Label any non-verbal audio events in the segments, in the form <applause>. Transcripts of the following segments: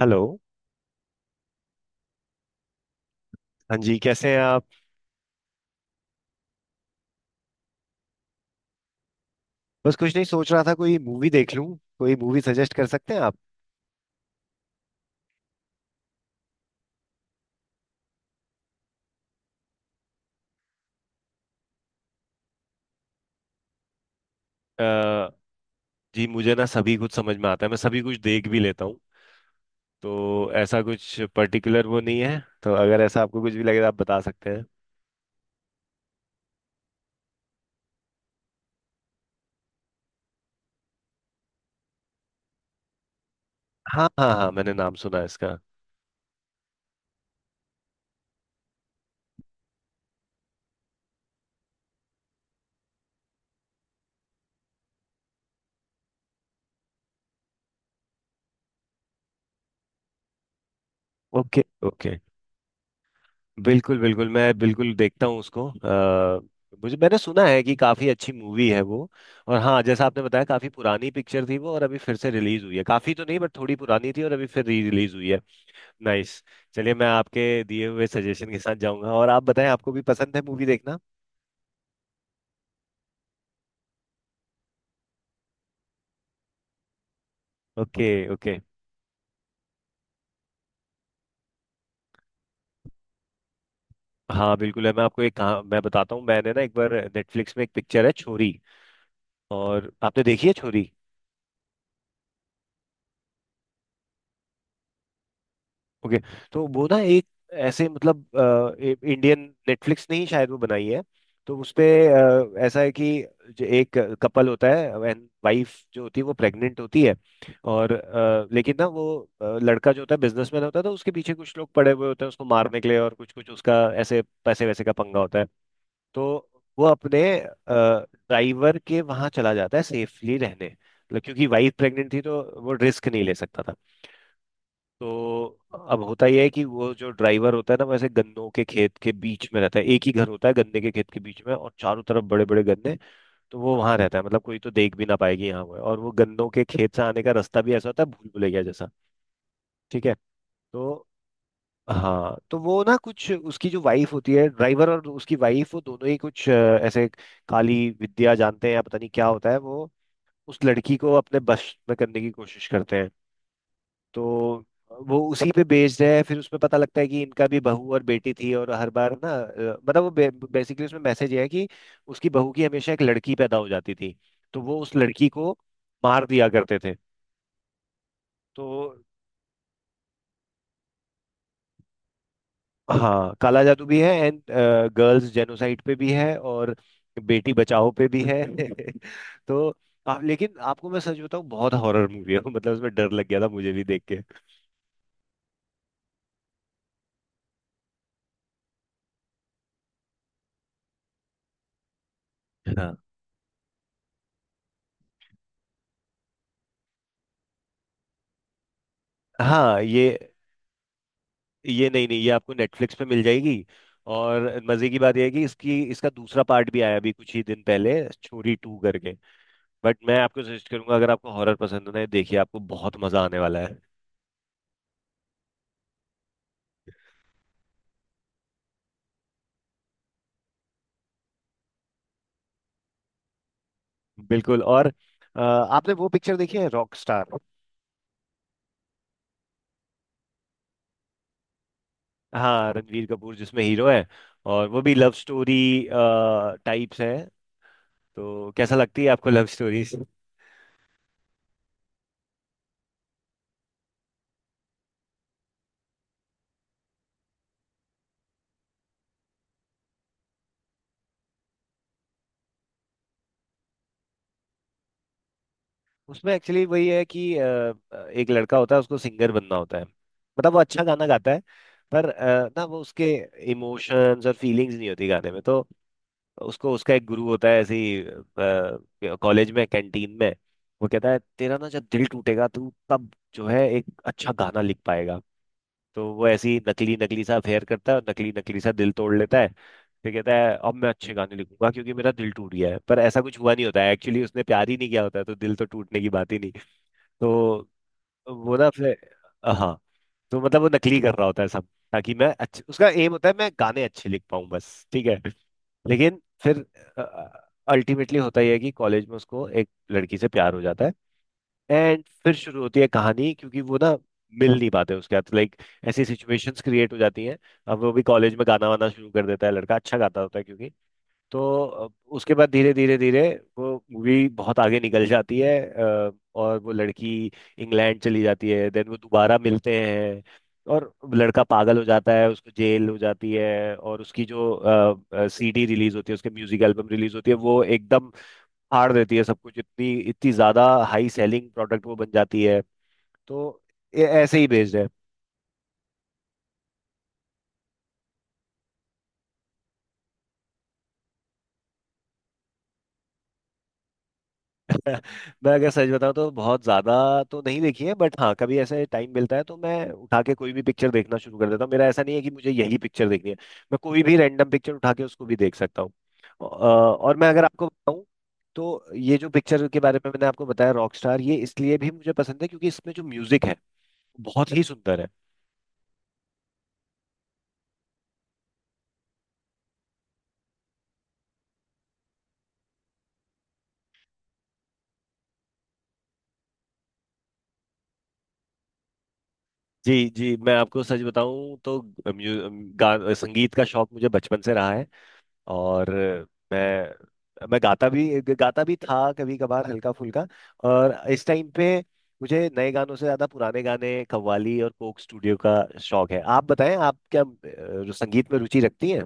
Hello. हाँ जी, कैसे हैं आप? बस कुछ नहीं, सोच रहा था कोई मूवी देख लूं। कोई मूवी सजेस्ट कर सकते हैं आप? अ, जी मुझे ना सभी कुछ समझ में आता है, मैं सभी कुछ देख भी लेता हूँ। तो ऐसा कुछ पर्टिकुलर वो नहीं है। तो अगर ऐसा आपको कुछ भी लगे तो आप बता सकते हैं। हाँ हाँ हाँ, मैंने नाम सुना है इसका। Okay okay. बिल्कुल बिल्कुल, मैं बिल्कुल देखता हूँ उसको। मुझे मैंने सुना है कि काफ़ी अच्छी मूवी है वो। और हाँ, जैसा आपने बताया, काफ़ी पुरानी पिक्चर थी वो और अभी फिर से रिलीज हुई है। काफ़ी तो नहीं बट थोड़ी पुरानी थी और अभी फिर री रिलीज हुई है। नाइस। चलिए, मैं आपके दिए हुए सजेशन के साथ जाऊंगा, और आप बताएं, आपको भी पसंद है मूवी देखना? Okay okay. हाँ, बिल्कुल है। मैं आपको एक कहा, मैं बताता हूँ। मैंने ना एक बार नेटफ्लिक्स में एक पिक्चर है छोरी। और आपने देखी है छोरी? ओके। तो वो ना एक ऐसे, मतलब इंडियन नेटफ्लिक्स ने ही शायद वो बनाई है। तो उसपे ऐसा है कि जो एक कपल होता है, एंड वाइफ जो होती है वो प्रेग्नेंट होती है। और लेकिन ना वो, लड़का जो होता है बिजनेसमैन होता है, तो उसके पीछे कुछ लोग पड़े हुए होते हैं उसको मारने के लिए, और कुछ कुछ उसका ऐसे पैसे वैसे का पंगा होता है। तो वो अपने ड्राइवर के वहां चला जाता है सेफली रहने, मतलब क्योंकि वाइफ प्रेग्नेंट थी तो वो रिस्क नहीं ले सकता था। तो अब होता यह है कि वो जो ड्राइवर होता है ना, वैसे गन्नों के खेत के बीच में रहता है, एक ही घर होता है गन्ने के खेत के बीच में, और चारों तरफ बड़े बड़े गन्ने। तो वो वहां रहता है, मतलब कोई तो देख भी ना पाएगी यहाँ वो है। और वो गन्नों के खेत से आने का रास्ता भी ऐसा होता है, भूल भुलैया जैसा। ठीक है। तो हाँ, तो वो ना, कुछ उसकी जो वाइफ होती है, ड्राइवर और उसकी वाइफ, वो दोनों ही कुछ ऐसे काली विद्या जानते हैं या पता नहीं क्या होता है वो, उस लड़की को अपने बस में करने की कोशिश करते हैं। तो वो उसी पे बेस्ड है। फिर उसमें पता लगता है कि इनका भी बहू और बेटी थी, और हर बार ना मतलब वो, बेसिकली उसमें मैसेज है कि उसकी बहू की हमेशा एक लड़की पैदा हो जाती थी, तो वो उस लड़की को मार दिया करते थे। तो हाँ, काला जादू भी है, एंड गर्ल्स जेनोसाइड पे भी है, और बेटी बचाओ पे भी है <laughs> तो आप लेकिन आपको मैं सच बताऊं, बहुत हॉरर मूवी है <laughs> मतलब उसमें डर लग गया था मुझे भी देख के। हाँ हाँ। ये, नहीं नहीं, ये आपको नेटफ्लिक्स पे मिल जाएगी। और मजे की बात यह है कि इसकी इसका दूसरा पार्ट भी आया अभी कुछ ही दिन पहले, छोरी टू करके। बट मैं आपको सजेस्ट करूंगा, अगर आपको हॉरर पसंद है ना, देखिए आपको बहुत मजा आने वाला है। बिल्कुल। और आपने वो पिक्चर देखी है रॉक स्टार? हाँ, रणवीर कपूर जिसमें हीरो है, और वो भी लव स्टोरी टाइप्स है। तो कैसा लगती है आपको लव स्टोरी? उसमें एक्चुअली वही है कि एक लड़का होता है, उसको सिंगर बनना होता है, मतलब वो अच्छा गाना गाता है। पर ना वो, उसके इमोशंस और फीलिंग्स नहीं होती गाने में, तो उसको उसका एक गुरु होता है ऐसे ही कॉलेज में कैंटीन में, वो कहता है तेरा ना जब दिल टूटेगा, तू तब जो है एक अच्छा गाना लिख पाएगा। तो वो ऐसे ही नकली नकली सा अफेयर करता है और नकली नकली सा दिल तोड़ लेता है। फिर कहता है अब मैं अच्छे गाने लिखूंगा क्योंकि मेरा दिल टूट गया है, पर ऐसा कुछ हुआ नहीं होता है एक्चुअली, उसने प्यार ही नहीं किया होता है, तो दिल तो टूटने की बात ही नहीं। तो वो ना फिर, हाँ, तो मतलब वो नकली कर रहा होता है सब, ताकि मैं अच्छे, उसका एम होता है मैं गाने अच्छे लिख पाऊँ, बस ठीक है। लेकिन फिर अल्टीमेटली होता यह है कि कॉलेज में उसको एक लड़की से प्यार हो जाता है। एंड फिर शुरू होती है कहानी, क्योंकि वो ना मिल नहीं पाते उसके साथ, लाइक ऐसी सिचुएशंस क्रिएट हो जाती हैं। अब वो भी कॉलेज में गाना वाना शुरू कर देता है, लड़का अच्छा गाता होता है क्योंकि। तो अ, उसके बाद धीरे धीरे धीरे वो मूवी बहुत आगे निकल जाती है। और वो लड़की इंग्लैंड चली जाती है, देन वो दोबारा मिलते हैं, और लड़का पागल हो जाता है, उसको जेल हो जाती है, और उसकी जो सीडी रिलीज होती है, उसके म्यूजिक एल्बम रिलीज होती है, वो एकदम फाड़ देती है सब कुछ, इतनी इतनी ज्यादा हाई सेलिंग प्रोडक्ट वो बन जाती है। तो ये ऐसे ही बेस्ड है। मैं अगर सच बताऊं तो बहुत ज्यादा तो नहीं देखी है, बट हाँ कभी ऐसे टाइम मिलता है तो मैं उठा के कोई भी पिक्चर देखना शुरू कर देता हूँ। मेरा ऐसा नहीं है कि मुझे यही पिक्चर देखनी है, मैं कोई भी रैंडम पिक्चर उठा के उसको भी देख सकता हूँ। और मैं अगर आपको बताऊं, तो ये जो पिक्चर के बारे में मैंने आपको बताया रॉकस्टार, ये इसलिए भी मुझे पसंद है क्योंकि इसमें जो म्यूजिक है बहुत ही सुंदर है। जी जी, मैं आपको सच बताऊं तो म्यू- संगीत का शौक मुझे बचपन से रहा है। और मैं गाता भी था कभी कभार हल्का फुल्का। और इस टाइम पे मुझे नए गानों से ज्यादा पुराने गाने, कव्वाली और कोक स्टूडियो का शौक है। आप बताएं, आप क्या संगीत में रुचि रखती हैं?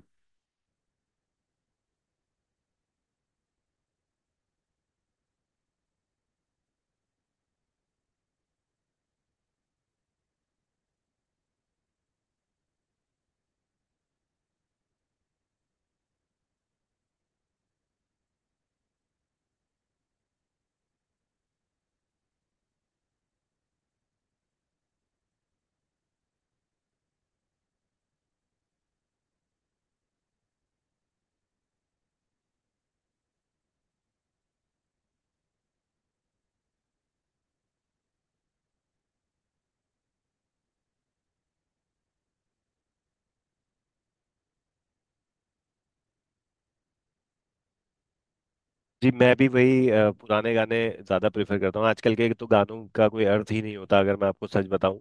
जी, मैं भी वही पुराने गाने ज़्यादा प्रेफर करता हूँ। आजकल के तो गानों का कोई अर्थ ही नहीं होता, अगर मैं आपको सच बताऊं।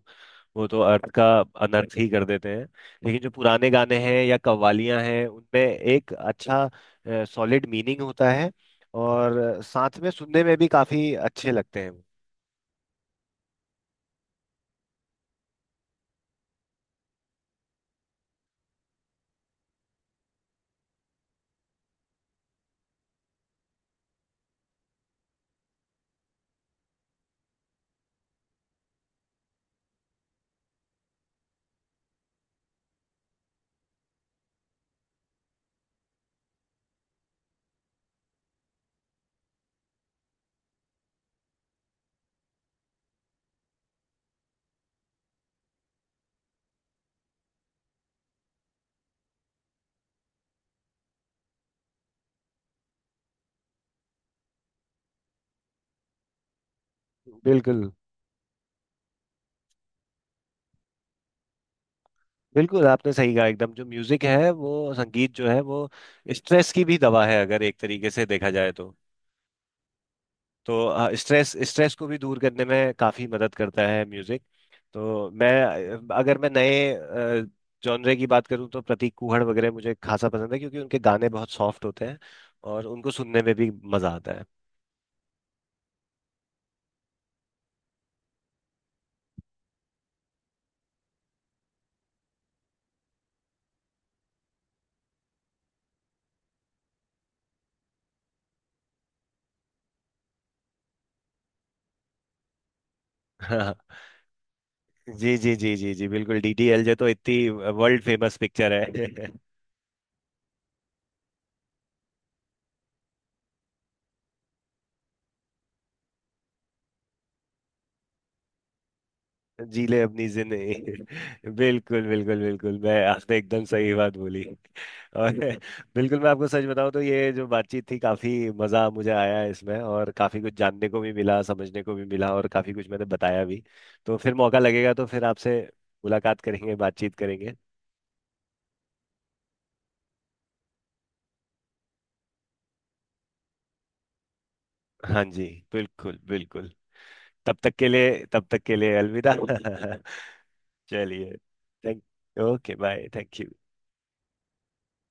वो तो अर्थ का अनर्थ ही कर देते हैं। लेकिन जो पुराने गाने हैं या कव्वालियाँ हैं, उनमें एक अच्छा सॉलिड मीनिंग होता है, और साथ में सुनने में भी काफ़ी अच्छे लगते हैं वो। बिल्कुल बिल्कुल, आपने सही कहा एकदम। जो म्यूजिक है वो, संगीत जो है वो स्ट्रेस की भी दवा है अगर एक तरीके से देखा जाए तो। तो स्ट्रेस स्ट्रेस को भी दूर करने में काफ़ी मदद करता है म्यूजिक। तो मैं अगर मैं नए जॉनरे की बात करूँ तो प्रतीक कुहड़ वगैरह मुझे खासा पसंद है, क्योंकि उनके गाने बहुत सॉफ्ट होते हैं और उनको सुनने में भी मजा आता है <laughs> जी जी जी जी जी, बिल्कुल, डी डी एल जे तो इतनी वर्ल्ड फेमस पिक्चर है <laughs> जी ले अपनी जिंदगी <laughs> बिल्कुल बिल्कुल बिल्कुल, मैं आपने एकदम सही बात बोली। और <laughs> बिल्कुल, मैं आपको सच बताऊं तो ये जो बातचीत थी, काफी मजा मुझे आया इसमें, और काफी कुछ जानने को भी मिला, समझने को भी मिला, और काफी कुछ मैंने बताया भी। तो फिर मौका लगेगा तो फिर आपसे मुलाकात करेंगे, बातचीत करेंगे। हाँ जी, बिल्कुल बिल्कुल। तब तक के लिए अलविदा <laughs> चलिए। Thank. Okay bye, thank you.